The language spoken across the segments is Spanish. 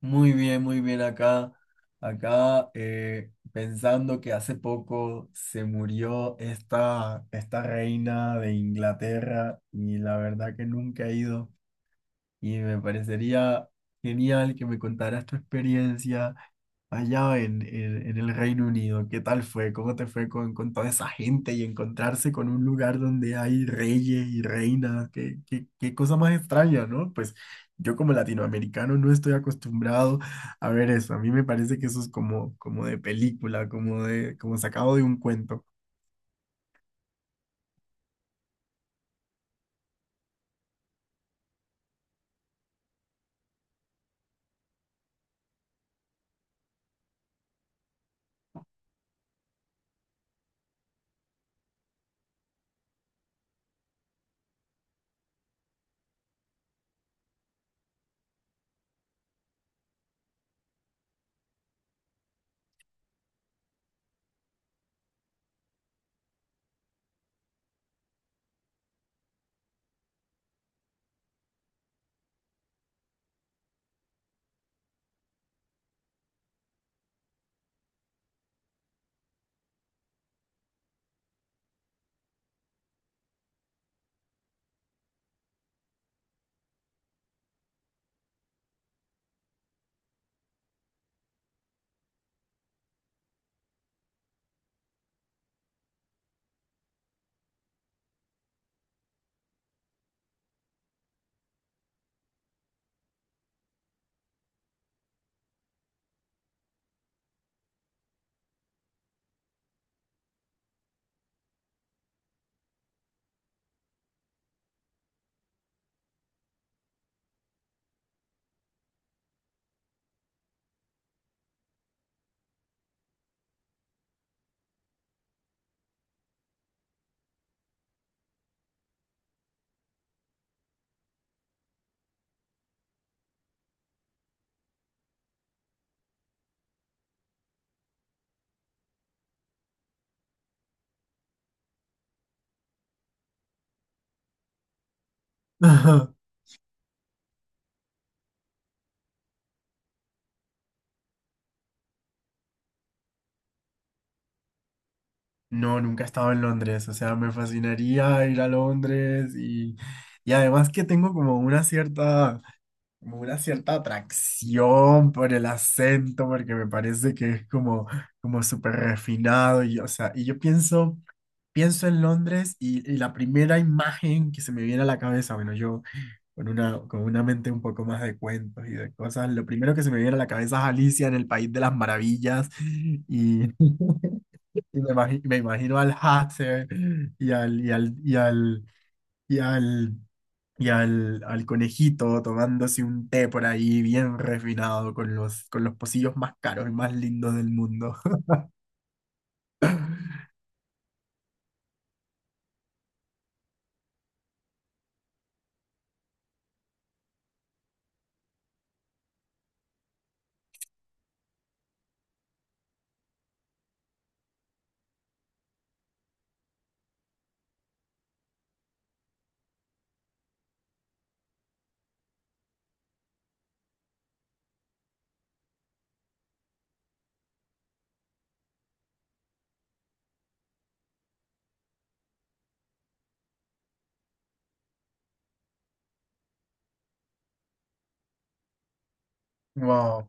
Muy bien acá. Acá pensando que hace poco se murió esta reina de Inglaterra y la verdad que nunca he ido y me parecería genial que me contaras tu experiencia allá en el Reino Unido. ¿Qué tal fue? ¿Cómo te fue con toda esa gente y encontrarse con un lugar donde hay reyes y reinas? ¿ Qué cosa más extraña, ¿no? Pues yo como latinoamericano no estoy acostumbrado a ver eso. A mí me parece que eso es como de película, como sacado de un cuento. Ajá. No, nunca he estado en Londres, o sea, me fascinaría ir a Londres y además que tengo como una cierta, como una cierta atracción por el acento, porque me parece que es como, como súper refinado. Y, o sea, y yo pienso, pienso en Londres y la primera imagen que se me viene a la cabeza, bueno, yo con una mente un poco más de cuentos y de cosas, lo primero que se me viene a la cabeza es Alicia en el País de las Maravillas y, y me imagino al Hatter y al, y al, y al, y al y al, al conejito tomándose un té por ahí bien refinado con los pocillos más caros y más lindos del mundo. Wow.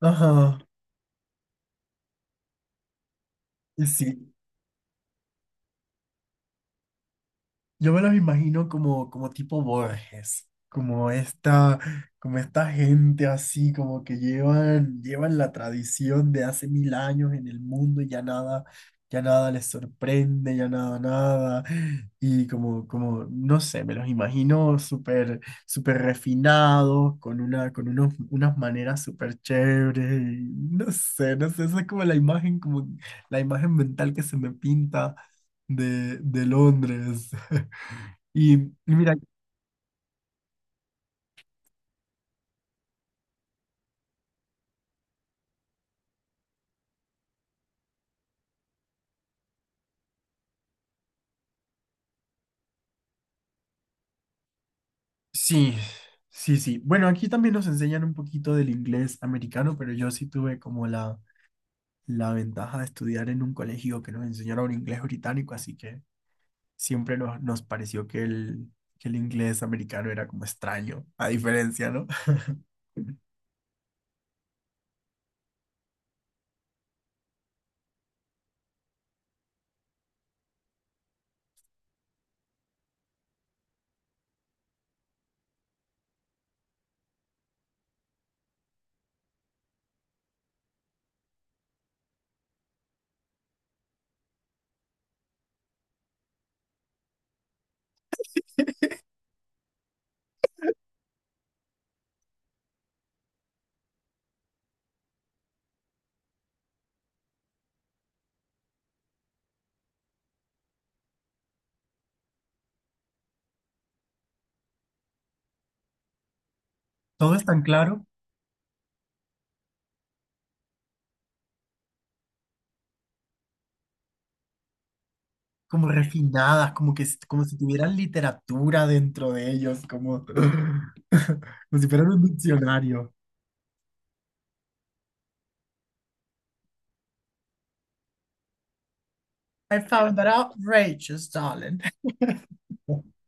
Ajá. Y sí, yo me los imagino como, como tipo Borges, como esta gente así, como que llevan, llevan la tradición de hace 1000 años en el mundo y ya nada les sorprende, ya nada, nada. Y como, como, no sé, me los imagino súper, súper refinados, con una, con unos, unas maneras súper chéveres. Y no sé, no sé, esa es como la imagen mental que se me pinta de Londres. Y y mira, sí, sí, sí. Bueno, aquí también nos enseñan un poquito del inglés americano, pero yo sí tuve como la ventaja de estudiar en un colegio que nos enseñara un inglés británico, así que siempre nos, nos pareció que el inglés americano era como extraño, a diferencia, ¿no? Todo es tan claro, como refinadas, como que como si tuvieran literatura dentro de ellos, como, como si fueran un diccionario. I found that outrageous, darling.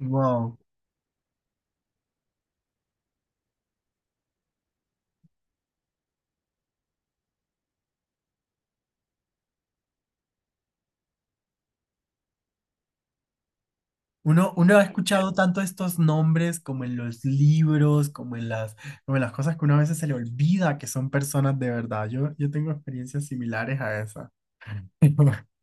Wow. Uno, uno ha escuchado tanto estos nombres como en los libros, como en las cosas que uno a veces se le olvida que son personas de verdad. Yo tengo experiencias similares a esa.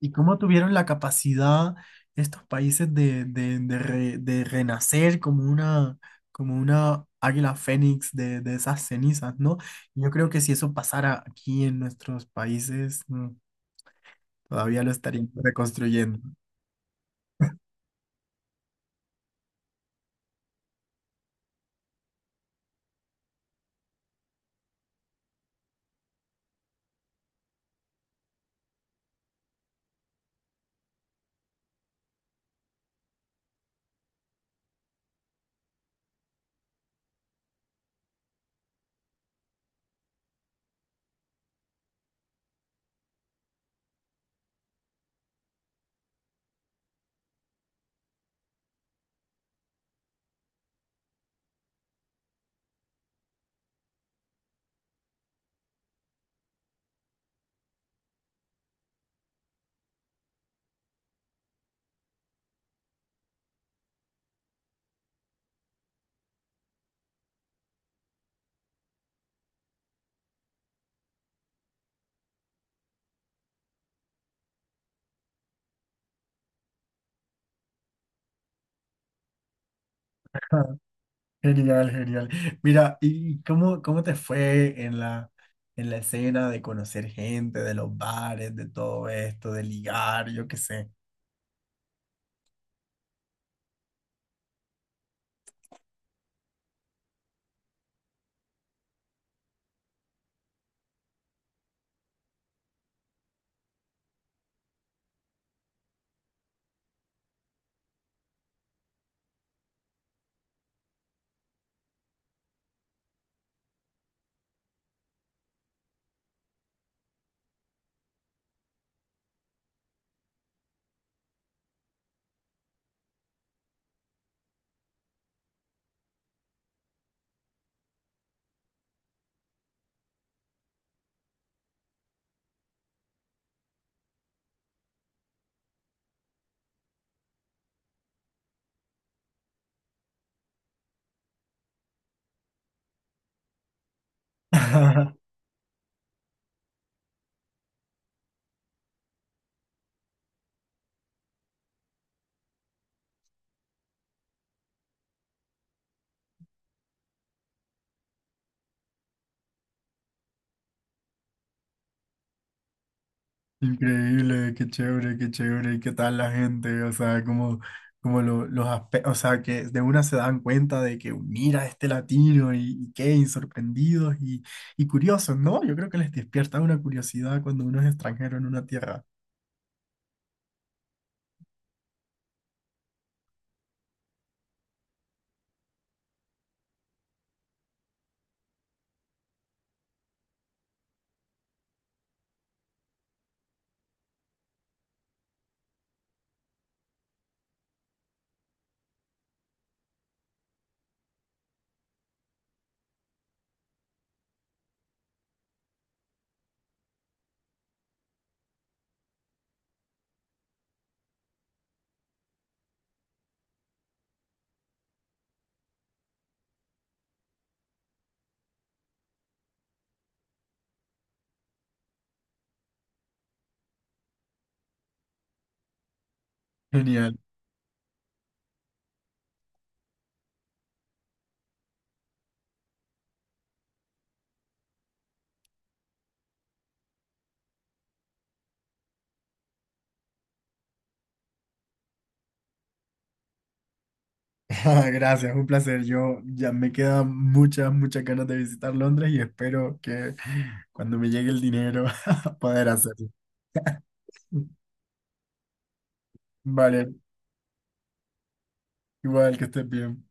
¿Y cómo tuvieron la capacidad estos países de de renacer como una águila fénix de esas cenizas, ¿no? Yo creo que si eso pasara aquí en nuestros países, mm, todavía lo estarían reconstruyendo. Genial, genial. Mira, ¿y cómo, cómo te fue en la escena de conocer gente, de los bares, de todo esto, de ligar, yo qué sé? Increíble, qué chévere, ¿y qué tal la gente? O sea, como, como los aspectos, o sea, que de una se dan cuenta de que mira este latino y qué, y sorprendidos y curiosos, ¿no? Yo creo que les despierta una curiosidad cuando uno es extranjero en una tierra. Genial. Gracias, un placer. Yo ya me quedan muchas, muchas ganas de visitar Londres y espero que cuando me llegue el dinero poder hacerlo. Vale, igual que estés bien.